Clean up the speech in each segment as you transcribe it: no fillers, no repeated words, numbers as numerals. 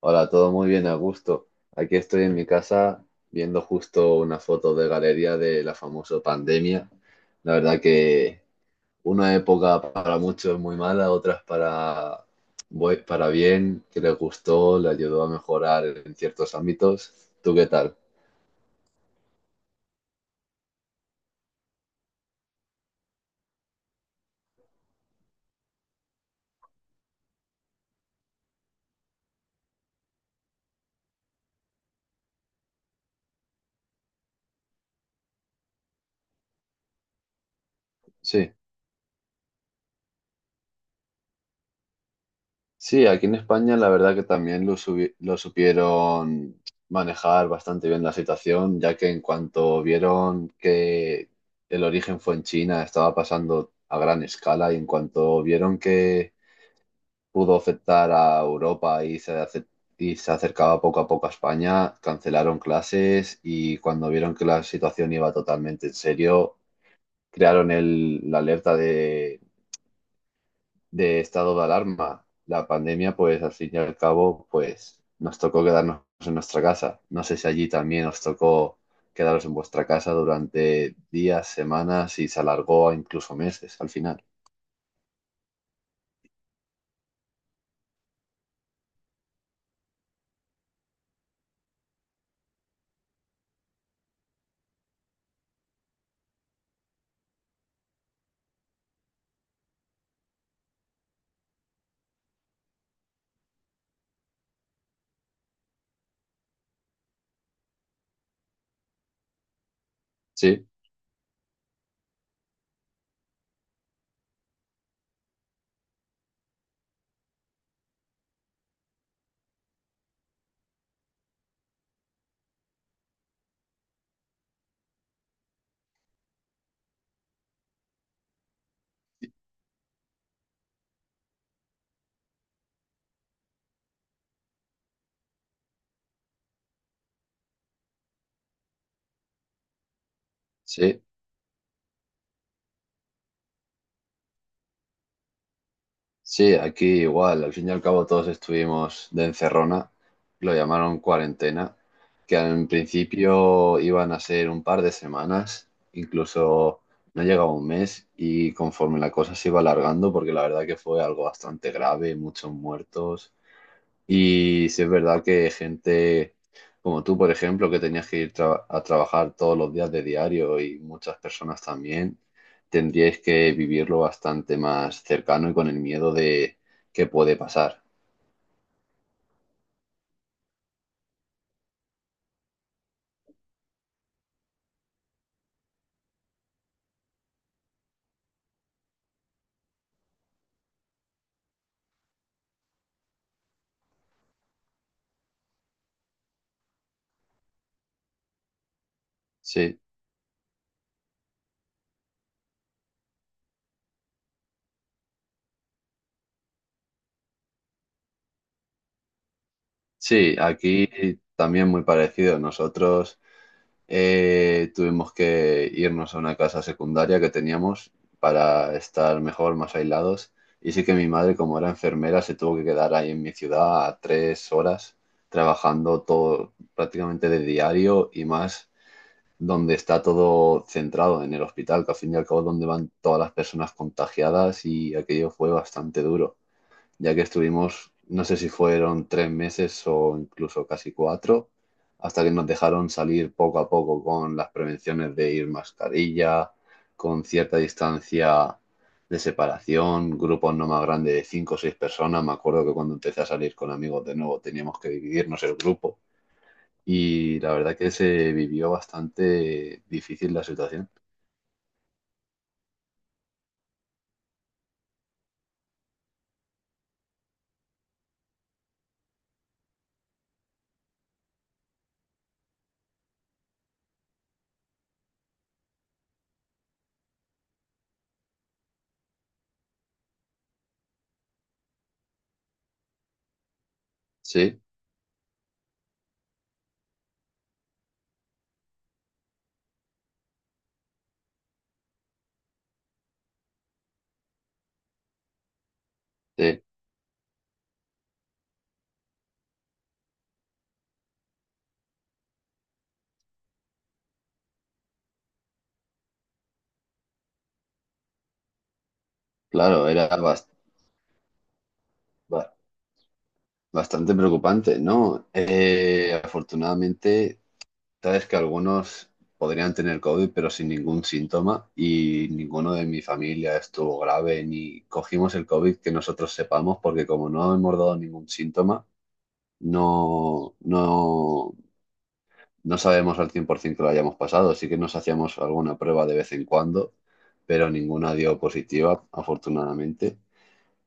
Hola, todo muy bien, a gusto. Aquí estoy en mi casa viendo justo una foto de galería de la famosa pandemia. La verdad que una época para muchos muy mala, otras para, para bien, que les gustó, le ayudó a mejorar en ciertos ámbitos. ¿Tú qué tal? Sí. Sí, aquí en España la verdad que también lo supieron manejar bastante bien la situación, ya que en cuanto vieron que el origen fue en China, estaba pasando a gran escala y en cuanto vieron que pudo afectar a Europa y se acercaba poco a poco a España, cancelaron clases y cuando vieron que la situación iba totalmente en serio, crearon la alerta de estado de alarma. La pandemia, pues al fin y al cabo, pues nos tocó quedarnos en nuestra casa. No sé si allí también os tocó quedaros en vuestra casa durante días, semanas y se alargó a incluso meses al final. Sí, sí. Sí, aquí igual, al fin y al cabo todos estuvimos de encerrona, lo llamaron cuarentena, que en principio iban a ser un par de semanas, incluso no llegaba un mes y conforme la cosa se iba alargando, porque la verdad que fue algo bastante grave, muchos muertos, y si es verdad que gente como tú, por ejemplo, que tenías que ir a trabajar todos los días de diario y muchas personas también, tendríais que vivirlo bastante más cercano y con el miedo de qué puede pasar. Sí, sí, aquí también muy parecido. Nosotros tuvimos que irnos a una casa secundaria que teníamos para estar mejor, más aislados. Y sí que mi madre, como era enfermera, se tuvo que quedar ahí en mi ciudad a tres horas trabajando todo prácticamente de diario y más donde está todo centrado en el hospital, que al fin y al cabo es donde van todas las personas contagiadas y aquello fue bastante duro ya que estuvimos, no sé si fueron tres meses o incluso casi cuatro, hasta que nos dejaron salir poco a poco con las prevenciones de ir mascarilla, con cierta distancia de separación, grupos no más grandes de cinco o seis personas. Me acuerdo que cuando empecé a salir con amigos de nuevo teníamos que dividirnos el grupo y la verdad que se vivió bastante difícil la situación. Sí, sí, claro, era bastante preocupante, ¿no? Afortunadamente, sabes que algunos podrían tener COVID, pero sin ningún síntoma y ninguno de mi familia estuvo grave ni cogimos el COVID que nosotros sepamos, porque como no hemos dado ningún síntoma, no, no, no sabemos al 100% que lo hayamos pasado. Sí que nos hacíamos alguna prueba de vez en cuando, pero ninguna dio positiva, afortunadamente.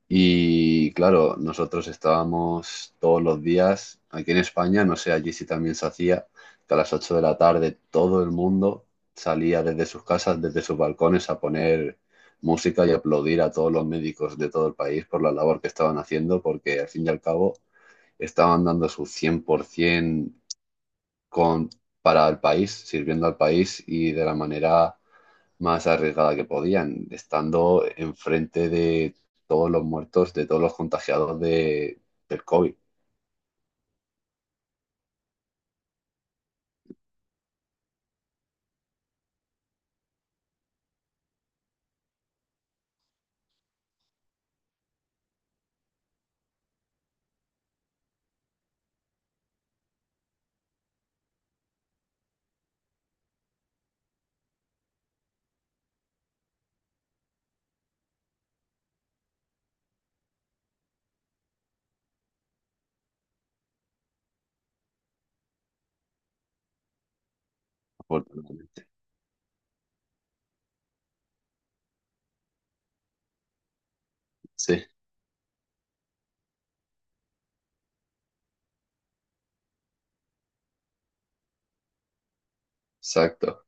Y claro, nosotros estábamos todos los días aquí en España, no sé, allí si también se hacía, que a las 8 de la tarde todo el mundo salía desde sus casas, desde sus balcones a poner música y aplaudir a todos los médicos de todo el país por la labor que estaban haciendo, porque al fin y al cabo estaban dando su 100% con, para el país, sirviendo al país y de la manera más arriesgada que podían, estando enfrente de todos los muertos, de todos los contagiados de, del COVID, afortunadamente. Sí, exacto.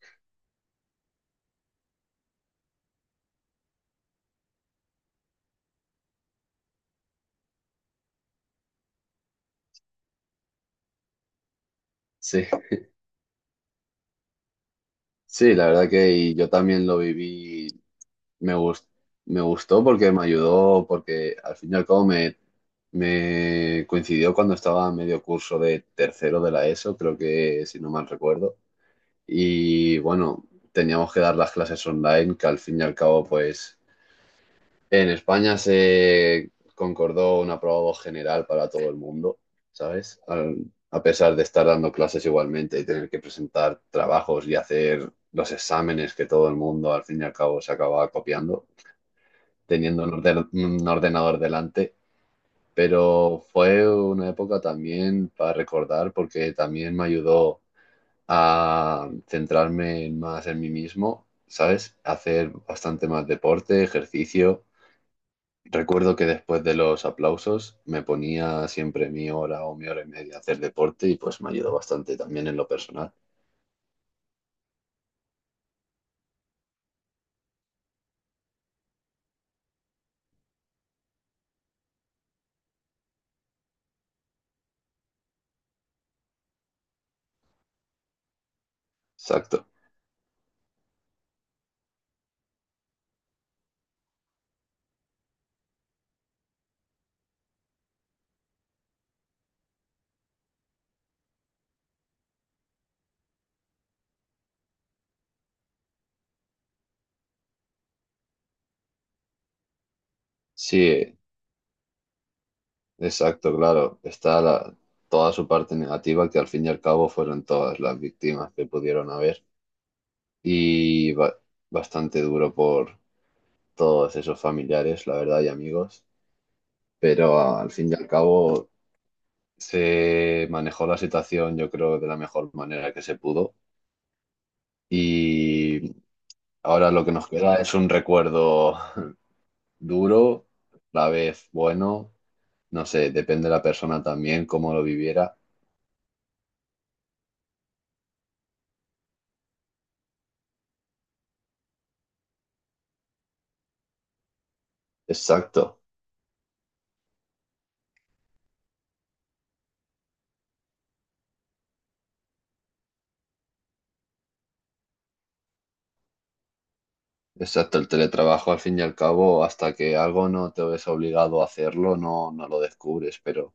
Sí, sí, la verdad que y yo también lo viví, me gustó, me gustó porque me ayudó, porque al fin y al cabo me, me coincidió cuando estaba a medio curso de tercero de la ESO, creo que si no mal recuerdo. Y bueno, teníamos que dar las clases online, que al fin y al cabo pues en España se concordó un aprobado general para todo el mundo, ¿sabes? A pesar de estar dando clases igualmente y tener que presentar trabajos y hacer los exámenes que todo el mundo al fin y al cabo se acababa copiando, teniendo un ordenador delante. Pero fue una época también para recordar porque también me ayudó a centrarme más en mí mismo, ¿sabes? Hacer bastante más deporte, ejercicio. Recuerdo que después de los aplausos me ponía siempre mi hora o mi hora y media a hacer deporte y pues me ayudó bastante también en lo personal. Exacto. Sí, exacto, claro. Toda su parte negativa que al fin y al cabo fueron todas las víctimas que pudieron haber y bastante duro por todos esos familiares, la verdad, y amigos. Pero al fin y al cabo se manejó la situación, yo creo, de la mejor manera que se pudo. Y ahora lo que nos queda es un recuerdo duro, a la vez bueno, no sé, depende de la persona también, cómo lo viviera. Exacto, exacto, el teletrabajo al fin y al cabo, hasta que algo no te ves obligado a hacerlo, no, no lo descubres, pero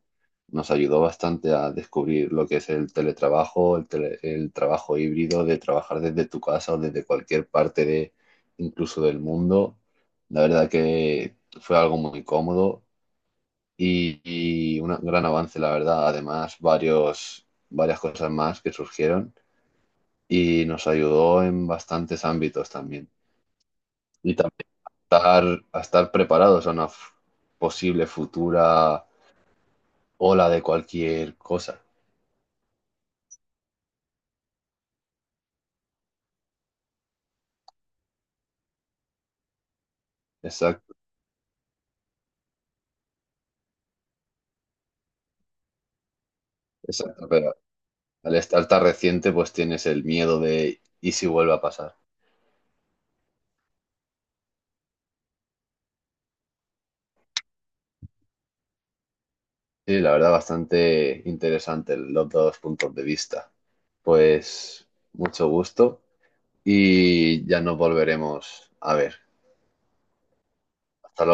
nos ayudó bastante a descubrir lo que es el teletrabajo, el trabajo híbrido, de trabajar desde tu casa o desde cualquier parte de, incluso del mundo. La verdad que fue algo muy cómodo y, y un gran avance, la verdad. Además, varios, varias cosas más que surgieron y nos ayudó en bastantes ámbitos también. Y también estar, a estar preparados a una posible futura ola de cualquier cosa. Exacto, exacto. Pero al estar tan reciente, pues tienes el miedo de ¿y si vuelve a pasar? Sí, la verdad, bastante interesante los dos puntos de vista. Pues mucho gusto y ya nos volveremos a ver. Hasta luego.